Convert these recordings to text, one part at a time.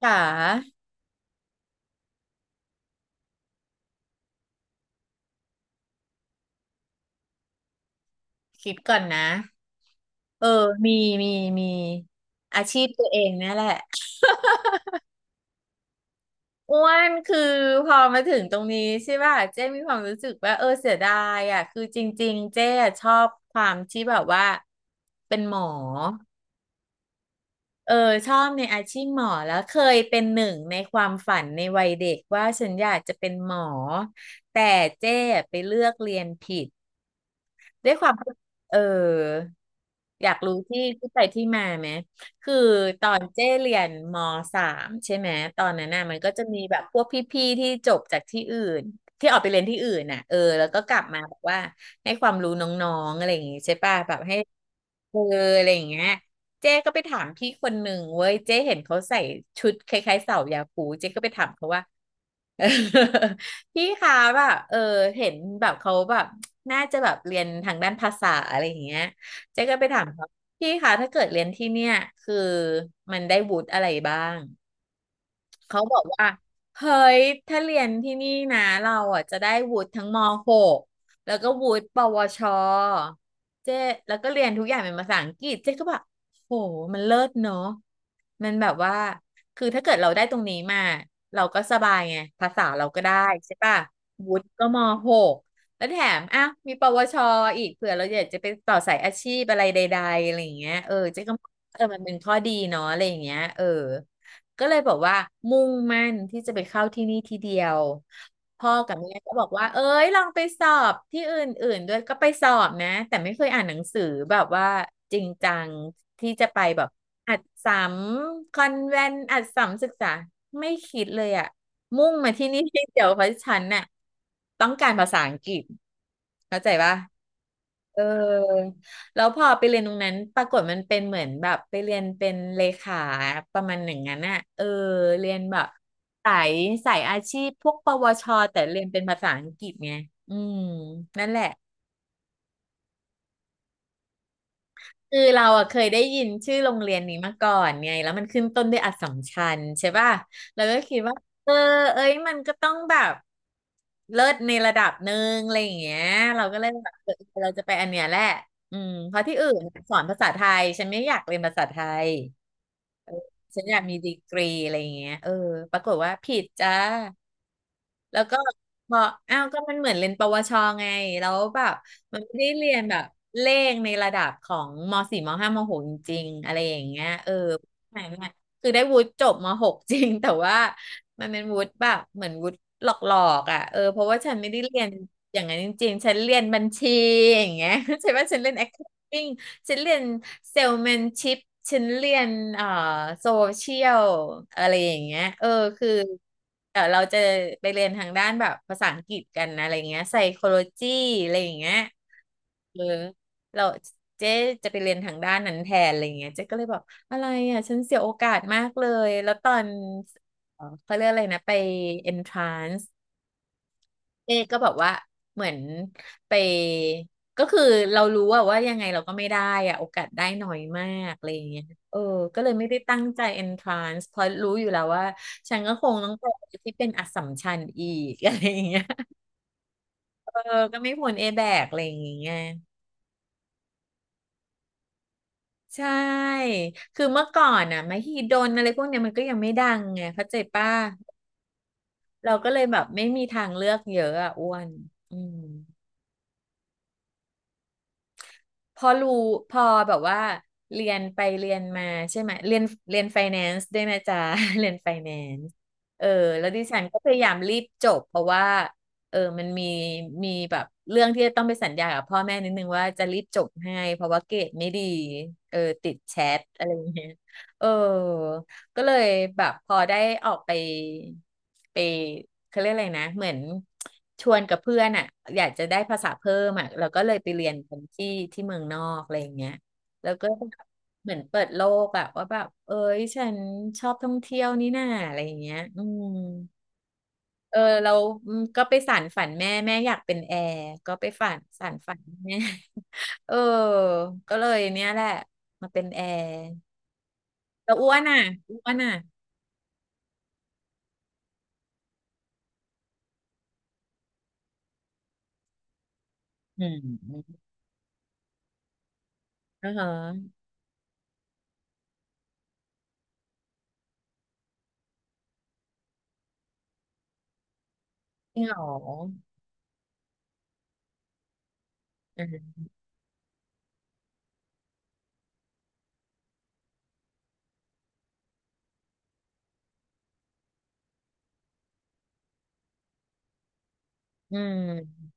ค่ะคิดก่อนนะเออมีมีมีอาชีพตัวเองเนี่ยแหละอ้วนคือพอมาถึงตรงนี้ใช่ป่ะเจ้มีความรู้สึกว่าเสียดายอ่ะคือจริงๆเจ้อะชอบความที่แบบว่าเป็นหมอเออชอบในอาชีพหมอแล้วเคยเป็นหนึ่งในความฝันในวัยเด็กว่าฉันอยากจะเป็นหมอแต่เจ้ไปเลือกเรียนผิด ด้วยความเอออยากรู้ที่ที่ไปที่มาไหมคือตอนเจ้เรียนมสามใช่ไหม ตอนนั้นน่ะมันก็จะมีแบบพวกพี่ๆที่จบจากที่อื่นที่ออกไปเรียนที่อื่นน่ะแล้วก็กลับมาแบบว่าให้ความรู้น้องๆอะไรอย่างงี้ใช่ป่ะแบบให้เอออะไรอย่างเงี้ย เจ๊ก็ไปถามพี่คนหนึ่งเว้ย เจ๊เห็นเขาใส่ชุดคล้ายๆสาวยาคูเจ๊ก็ไปถามเขาว่า พี่คะแบบเห็นแบบเขาแบบน่าจะแบบเรียนทางด้านภาษาอะไรอย่างเงี้ยเจ๊ก็ไปถามเขาพี่คะถ้าเกิดเรียนที่เนี่ยคือมันได้วุฒิอะไรบ้าง เขาบอกว่าเฮ้ยถ้าเรียนที่นี่นะเราอ่ะจะได้วุฒิทั้งม .6 แล้วก็วุฒิปวชเจ๊แล้วก็เรียนทุกอย่างเป็นภาษาอังกฤษเจ๊ก็แบบโหมันเลิศเนาะมันแบบว่าคือถ้าเกิดเราได้ตรงนี้มาเราก็สบายไงภาษาเราก็ได้ใช่ป่ะวุฒิก็ม .6 แล้วแถมอ่ะมีปวชอีกเผื่อเราอยากจะไปต่อสายอาชีพอะไรใดๆอะไรอย่างเงี้ยเจ๊ก็มองว่ามันเป็นข้อดีเนาะอะไรอย่างเงี้ยก็เลยบอกว่ามุ่งมั่นที่จะไปเข้าที่นี่ทีเดียวพ่อกับแม่ก็บอกว่าเอ้ยลองไปสอบที่อื่นๆด้วยก็ไปสอบนะแต่ไม่เคยอ่านหนังสือแบบว่าจริงจังที่จะไปแบบอัดสัมคอนแวนอัดสัมศึกษาไม่คิดเลยอะมุ่งมาที่นี่ที่เดียวเพราะฉันน่ะต้องการภาษาอังกฤษเข้าใจปะเออ แล้วพอไปเรียนตรงนั้นปรากฏมันเป็นเหมือนแบบไปเรียนเป็นเลขาประมาณหนึ่งนั้นน่ะเรียนแบบสายสายอาชีพพวกปวชแต่เรียนเป็นภาษาอังกฤษไงอืมนั่นแหละ คือเราอะเคยได้ยินชื่อโรงเรียนนี้มาก่อนไงแล้วมันขึ้นต้นด้วยอัสสัมชัญใช่ป่ะเราก็คิดว่าเออเอ้ยมันก็ต้องแบบเลิศในระดับหนึ่งอะไรอย่างเงี้ยเราก็เลยแบบเราจะไปอันเนี้ยแหละอืมเพราะที่อื่นสอนภาษาไทยฉันไม่อยากเรียนภาษาไทยฉันอยากมีดีกรีอะไรอย่างเงี้ยปรากฏว่าผิดจ้า แล้วก็บอกอ้าวก็มันเหมือนเรียนปวชไงแล้วแบบมันไม่ได้เรียนแบบเลขในระดับของมสี่มห้ามหกจริงๆอะไรอย่างเงี้ยไหนน่ยคือได้วุฒิจบมหก จริงแต่ว่ามันเป็นวุฒิแบบเหมือนวุฒิหลอกๆอ่ะเพราะว่าฉันไม่ได้เรียนอย่างนั้นจริงๆฉันเรียนบัญชีอย่างเงี้ย ใช่ไหมฉันเรียน accounting ฉันเรียนเซลแมนชิพฉันเรียนเอ่อโซเชียลอะไรอย่างเงี้ยคือเดี๋ยวเราจะไปเรียนทางด้านแบบภาษาอังกฤษกันนะอะไรเงี้ยไซโคโลจีอะไรอย่างเงี้ยเออเราเจ๊จะไปเรียนทางด้านนั้นแทนอะไรเงี้ยเจ๊ก็เลยบอกอะไรอ่ะฉันเสียโอกาสมากเลยแล้วตอนเขาเรียกอะไรนะไป entrance เจ๊ก็แบบว่าเหมือนไปก็คือเรารู้ว่าว่ายังไงเราก็ไม่ได้อะโอกาสได้น้อยมากอะไรอย่างเงี้ยเออก็เลยไม่ได้ตั้งใจ entrance เพราะรู้อยู่แล้วว่าฉันก็คงต้องไปที่เป็นอัสสัมชัญอีก อะไรอย่างเงี้ย เออก็ไม่พ้นเอแบกอะไรอย่างเงี้ยใช่คือเมื่อก่อนอ่ะมหิดลอะไรพวกเนี้ยมันก็ยังไม่ดังไงเข้าใจป้ะเราก็เลยแบบไม่มีทางเลือกเยอะอ่ะอ้วนอืม พอรู้พอแบบว่าเรียนไปเรียนมาใช่ไหมเรียนไฟแนนซ์ด้วยนะจ๊ะ เรียนไฟแนนซ์เออแล้วดิฉันก็พยายามรีบจบเพราะว่ามันมีแบบเรื่องที่จะต้องไปสัญญากับพ่อแม่นิดนึงว่าจะรีบจบให้เพราะว่าเกรดไม่ดีเออติดแชทอะไรอย่างเงี้ยเออ ก็เลยแบบพอได้ออกไปไปเขาเรียกอะไรนะเหมือนชวนกับเพื่อนอ่ะอยากจะได้ภาษาเพิ่มอ่ะเราก็เลยไปเรียนกันที่เมืองนอกอะไรอย่างเงี้ยแล้วก็เหมือนเปิดโลกอะว่าแบบเอ้ยฉันชอบท่องเที่ยวนี่น่าอะไรอย่างเงี้ยอืมเออเราอืมก็ไปสานฝันแม่แม่อยากเป็นแอร์ก็ไปฝันสานฝันแม่ เออก็เลยเนี้ยแหละมาเป็นแอร์แล้วอ้วนอ่ะอืม อ่าฮะจริงเหรออืมอืม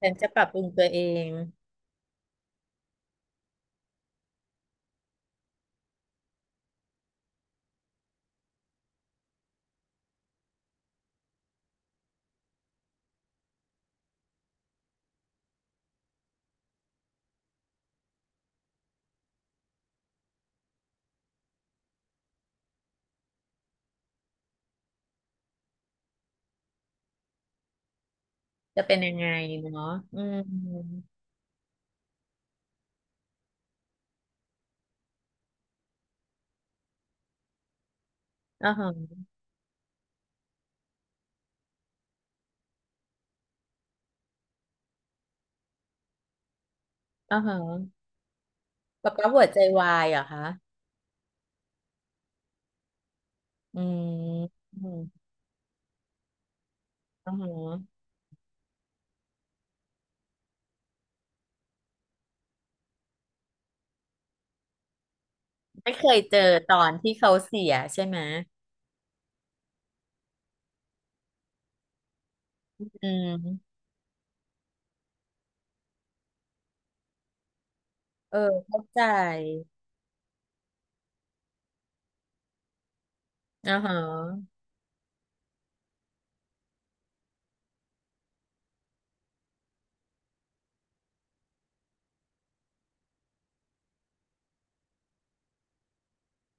ฉันจะปรับปรุงตัวเองจะเป็นยังไงเนาะอืมอ่าฮะอ่าฮะป๊าป๊าหัวใจวายเหรอคะอืมอืมอ่าฮะไม่เคยเจอตอนที่เขาเสียใช่ไหมอืมเออเข้าใจอ่าฮะ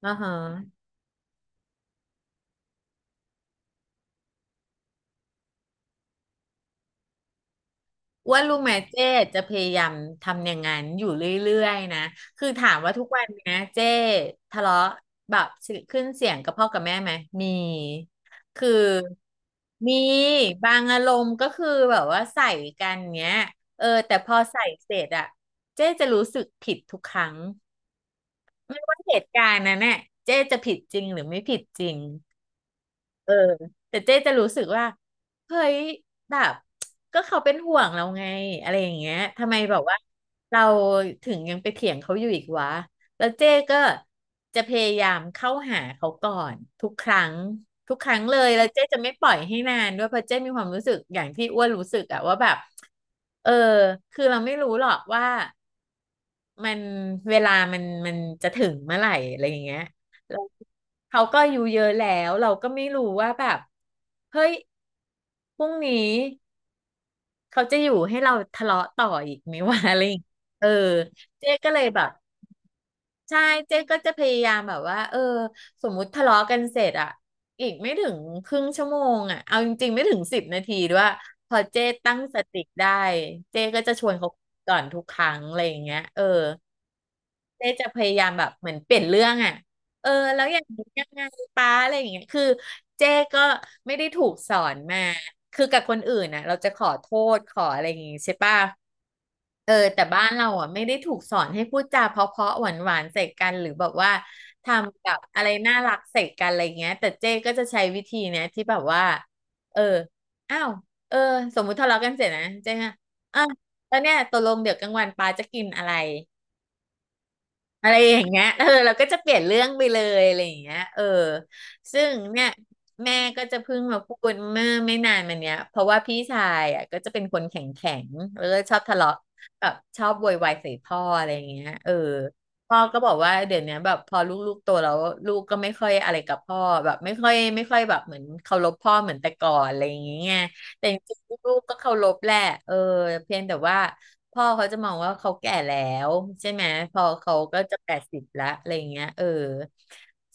อ่าฮะ ว่ารู้ไหมเจ๊จะพยายามทำอย่างนั้นอยู่เรื่อยๆนะ คือถามว่าทุกวันเนี้ยเจ๊ทะเลาะแบบขึ้นเสียงกับพ่อกับแม่ไหม มี คือมีบางอารมณ์ก็คือแบบว่าใส่กันเนี้ยเออแต่พอใส่เสร็จอะเจ๊จะรู้สึกผิดทุกครั้งว่าเหตุการณ์นั้นน่ะเจ๊จะผิดจริงหรือไม่ผิดจริง เออแต่เจ๊จะรู้สึกว่าเฮ้ยแบบก็เขาเป็นห่วงเราไงอะไรอย่างเงี้ยทำไมแบบว่าเราถึงยังไปเถียงเขาอยู่อีกวะแล้วเจ๊ก็จะพยายามเข้าหาเขาก่อนทุกครั้งทุกครั้งเลยแล้วเจ๊จะไม่ปล่อยให้นานด้วยเพราะเจ๊มีความรู้สึกอย่างที่อ้วนรู้สึกอะว่าแบบเออคือเราไม่รู้หรอกว่ามันเวลามันจะถึงเมื่อไหร่อะไรอย่างเงี้ย เขาก็อายู่เยอะแล้วเราก็ไม่รู้ว่าแบบเฮ้ยพรุ่งนี้เขาจะอยู่ให้เราทะเลาะต่ออีกไหมวะ อะไรอย่างเงี้ยเออเจ๊ก็เลยแบบใช่เจ๊ก็จะพยายามแบบว่าเออสมมุติทะเลาะกันเสร็จอะอีกไม่ถึงครึ่งชั่วโมงอะเอาจริงๆไม่ถึง10 นาทีด้วยพอเจ๊ตั้งสติได้เจ๊ก็จะชวนเขาก่อนทุกครั้งอะไรอย่างเงี้ยเออ เจ๊จะพยายามแบบเหมือนเปลี่ยนเรื่องอ่ะเออแล้วอย่างนี้ยังไงป้าอะไรอย่างเงี้ยคือเจ๊ก็ไม่ได้ถูกสอนมาคือกับคนอื่นนะเราจะขอโทษขออะไรอย่างงี้ใช่ป่ะเออแต่บ้านเราอ่ะไม่ได้ถูกสอนให้พูดจาเพราะๆหวานๆใส่กันหรือแบบว่าทำกับอะไรน่ารักใส่กันอะไรเงี้ยแต่เจ๊ก็จะใช้วิธีเนี้ยที่แบบว่าเอออ้าวเออสมมุติทะเลาะกันเสร็จนะเจ๊อะอ่ะแล้วเนี่ยตกลงเดี๋ยวกลางวันป้าจะกินอะไร อะไรอย่างเงี้ย เออเราก็จะเปลี่ยนเรื่องไปเลยอะไรอย่างเงี้ยเออซึ่งเนี่ยแม่ก็จะเพิ่งมาพูดเมื่อไม่นานมาเนี้ยเพราะว่าพี่ชายอ่ะก็จะเป็นคนแข็งแข็งแล้วก็ชอบทะเลาะแบบชอบโวยวายใส่พ่ออะไรอย่างเงี้ยเออพ่อก็บอกว่าเดี๋ยวเนี้ยแบบพอลูกๆโตแล้วลูกก็ไม่ค่อยอะไรกับพ่อแบบไม่ค่อยแบบเหมือนเคารพพ่อเหมือนแต่ก่อนอะไรอย่างเงี้ยแต่จริงๆลูกๆก็เคารพแหละเออเพียงแต่ว่า พ่อเขาจะมองว่าเขาแก่แล้วใช่ไหมพอเขาก็จะ80ละอะไรอย่างเงี้ยเออ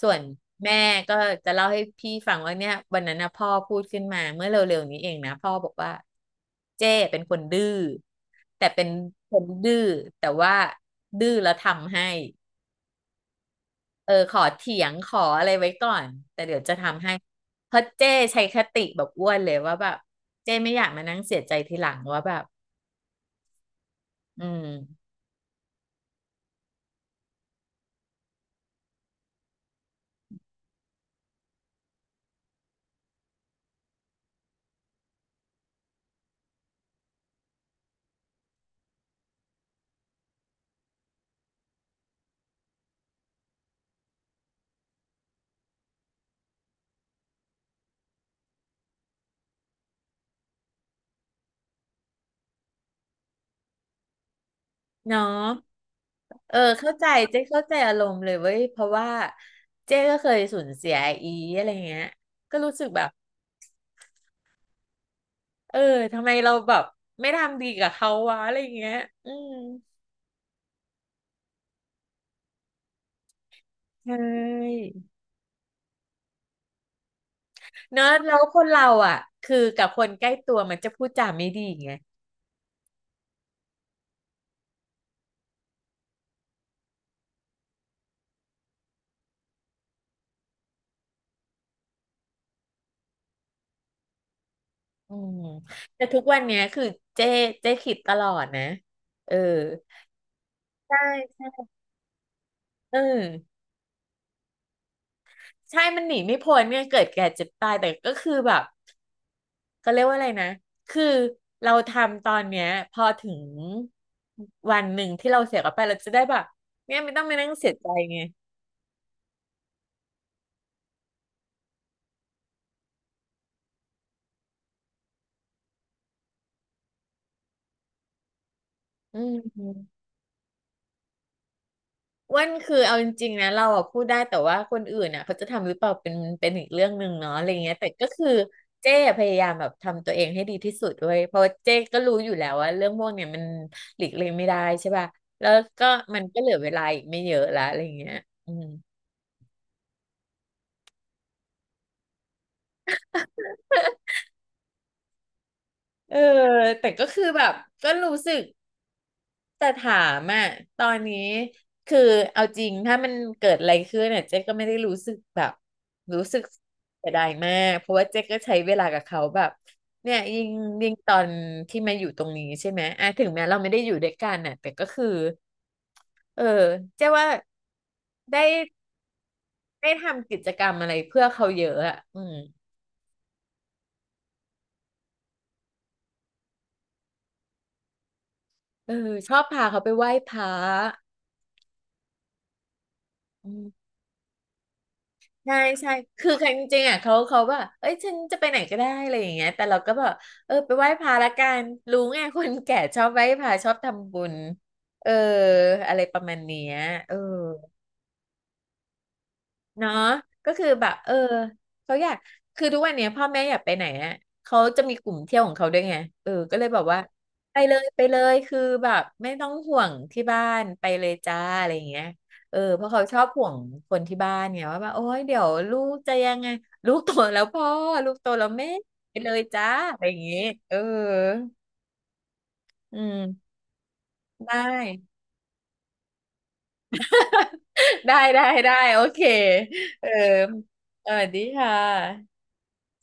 ส่วนแม่ก็จะเล่าให้พี่ฟังว่าเนี่ยวันนั้นนะพ่อพูดขึ้นมาเมื่อเร็วๆนี้เองนะพ่อบอกว่าเจ้เป็นคนดื้อแต่เป็นคนดื้อแต่ว่าดื้อแล้วทำให้เออขอเถียงขออะไรไว้ก่อนแต่เดี๋ยวจะทำให้เพราะเจ้ใช้คติแบบอ้วนเลยว่าแบบเจ้ไม่อยากมานั่งเสียใจทีหลังว่าแบบอืม เนาะเออเข้าใจเจ๊เข้าใจอารมณ์เลยเว้ยเพราะว่าเจ๊ก็เคยสูญเสียอีอะไรเงี้ยก็รู้สึกแบบ เออ ทำไมเราแบบไม่ทำดีกับเขาวะอะไรเงี้ยอืมใช่เนอะแล้วคนเราอ่ะคือกับคนใกล้ตัวมันจะพูดจาไม่ดีไงอืมแต่ทุกวันเนี้ยคือเจ๊เจ๊คิดตลอดนะ เออใช่เออใช่มันหนีไม่พ้นเนี่ยเกิดแก่เจ็บตายแต่ก็คือแบบ เขาเรียกว่าอะไรนะคือเราทำตอนเนี้ยพอถึงวันหนึ่งที่เราเสียกับไปเราจะได้แบบเนี่ยไม่ต้องมานั่งเสียใจไงอืมอ้วันคือเอาจริงๆนะเราอะพูดได้แต่ว่าคนอื่นอ่ะเขาจะทำหรือเปล่าเป็นอีกเรื่องหนึ่งเนาะอะไรเงี้ยแต่ก็คือเจ๊พยายามแบบทำตัวเองให้ดีที่สุดด้วยเพราะว่าเจ๊ก็รู้อยู่แล้วว่าเรื่องพวกเนี้ยมันหลีกเลี่ยงไม่ได้ใช่ป่ะแล้วก็มันก็เหลือเวลาอีกไม่เยอะละอะไรเงี้ยอืมเออแต่ก็คือแบบก็รู้สึก แต่ถามอ่ะตอนนี้คือเอาจริงถ้ามันเกิดอะไรขึ้นเนี่ยเจ๊ก็ไม่ได้รู้สึกแบบรู้สึกเสียดายมากเพราะว่าเจ๊ก็ใช้เวลากับเขาแบบเนี่ยยิ่งตอนที่มาอยู่ตรงนี้ใช่ไหมอ่ะถึงแม้เราไม่ได้อยู่ด้วยกันน่ะแต่ก็คือเออเจ๊ว่าได้ได้ทำกิจกรรมอะไรเพื่อเขาเยอะอ่ะอืมเออชอบพาเขาไปไหว้พระอืม ใช่ใช่ คือกันจริงๆอ่ะเขาเขาว่า เอ้ยฉันจะไปไหนก็ได้อะไรอย่างเงี้ยแต่เราก็แบบเออไปไหว้พระละกัน รู้ไงคนแก่ชอบไหว้พระชอบทำบุญ เอออะไรประมาณเนี้ยเออ เนาะก็คือแบบเออเขาอยากคือทุกวันเนี้ยพ่อแม่อยากไปไหนอ่ะเขาจะมีกลุ่มเที่ยวของเขาด้วยไงเออก็เลยบอกว่าไปเลยไปเลยคือแบบไม่ต้องห่วงที่บ้านไปเลยจ้าอะไรอย่างเงี้ยเออเพราะเขาชอบห่วงคนที่บ้านเนี่ยว่าแบบโอ๊ยเดี๋ยวลูกจะยังไงลูกโตแล้วพ่อลูกโตแล้วแม่ไปเลยจ้าอะไรอย่างงี้เอออืมได้ ได้ได้ได้โอเคเออสวัสดีค่ะ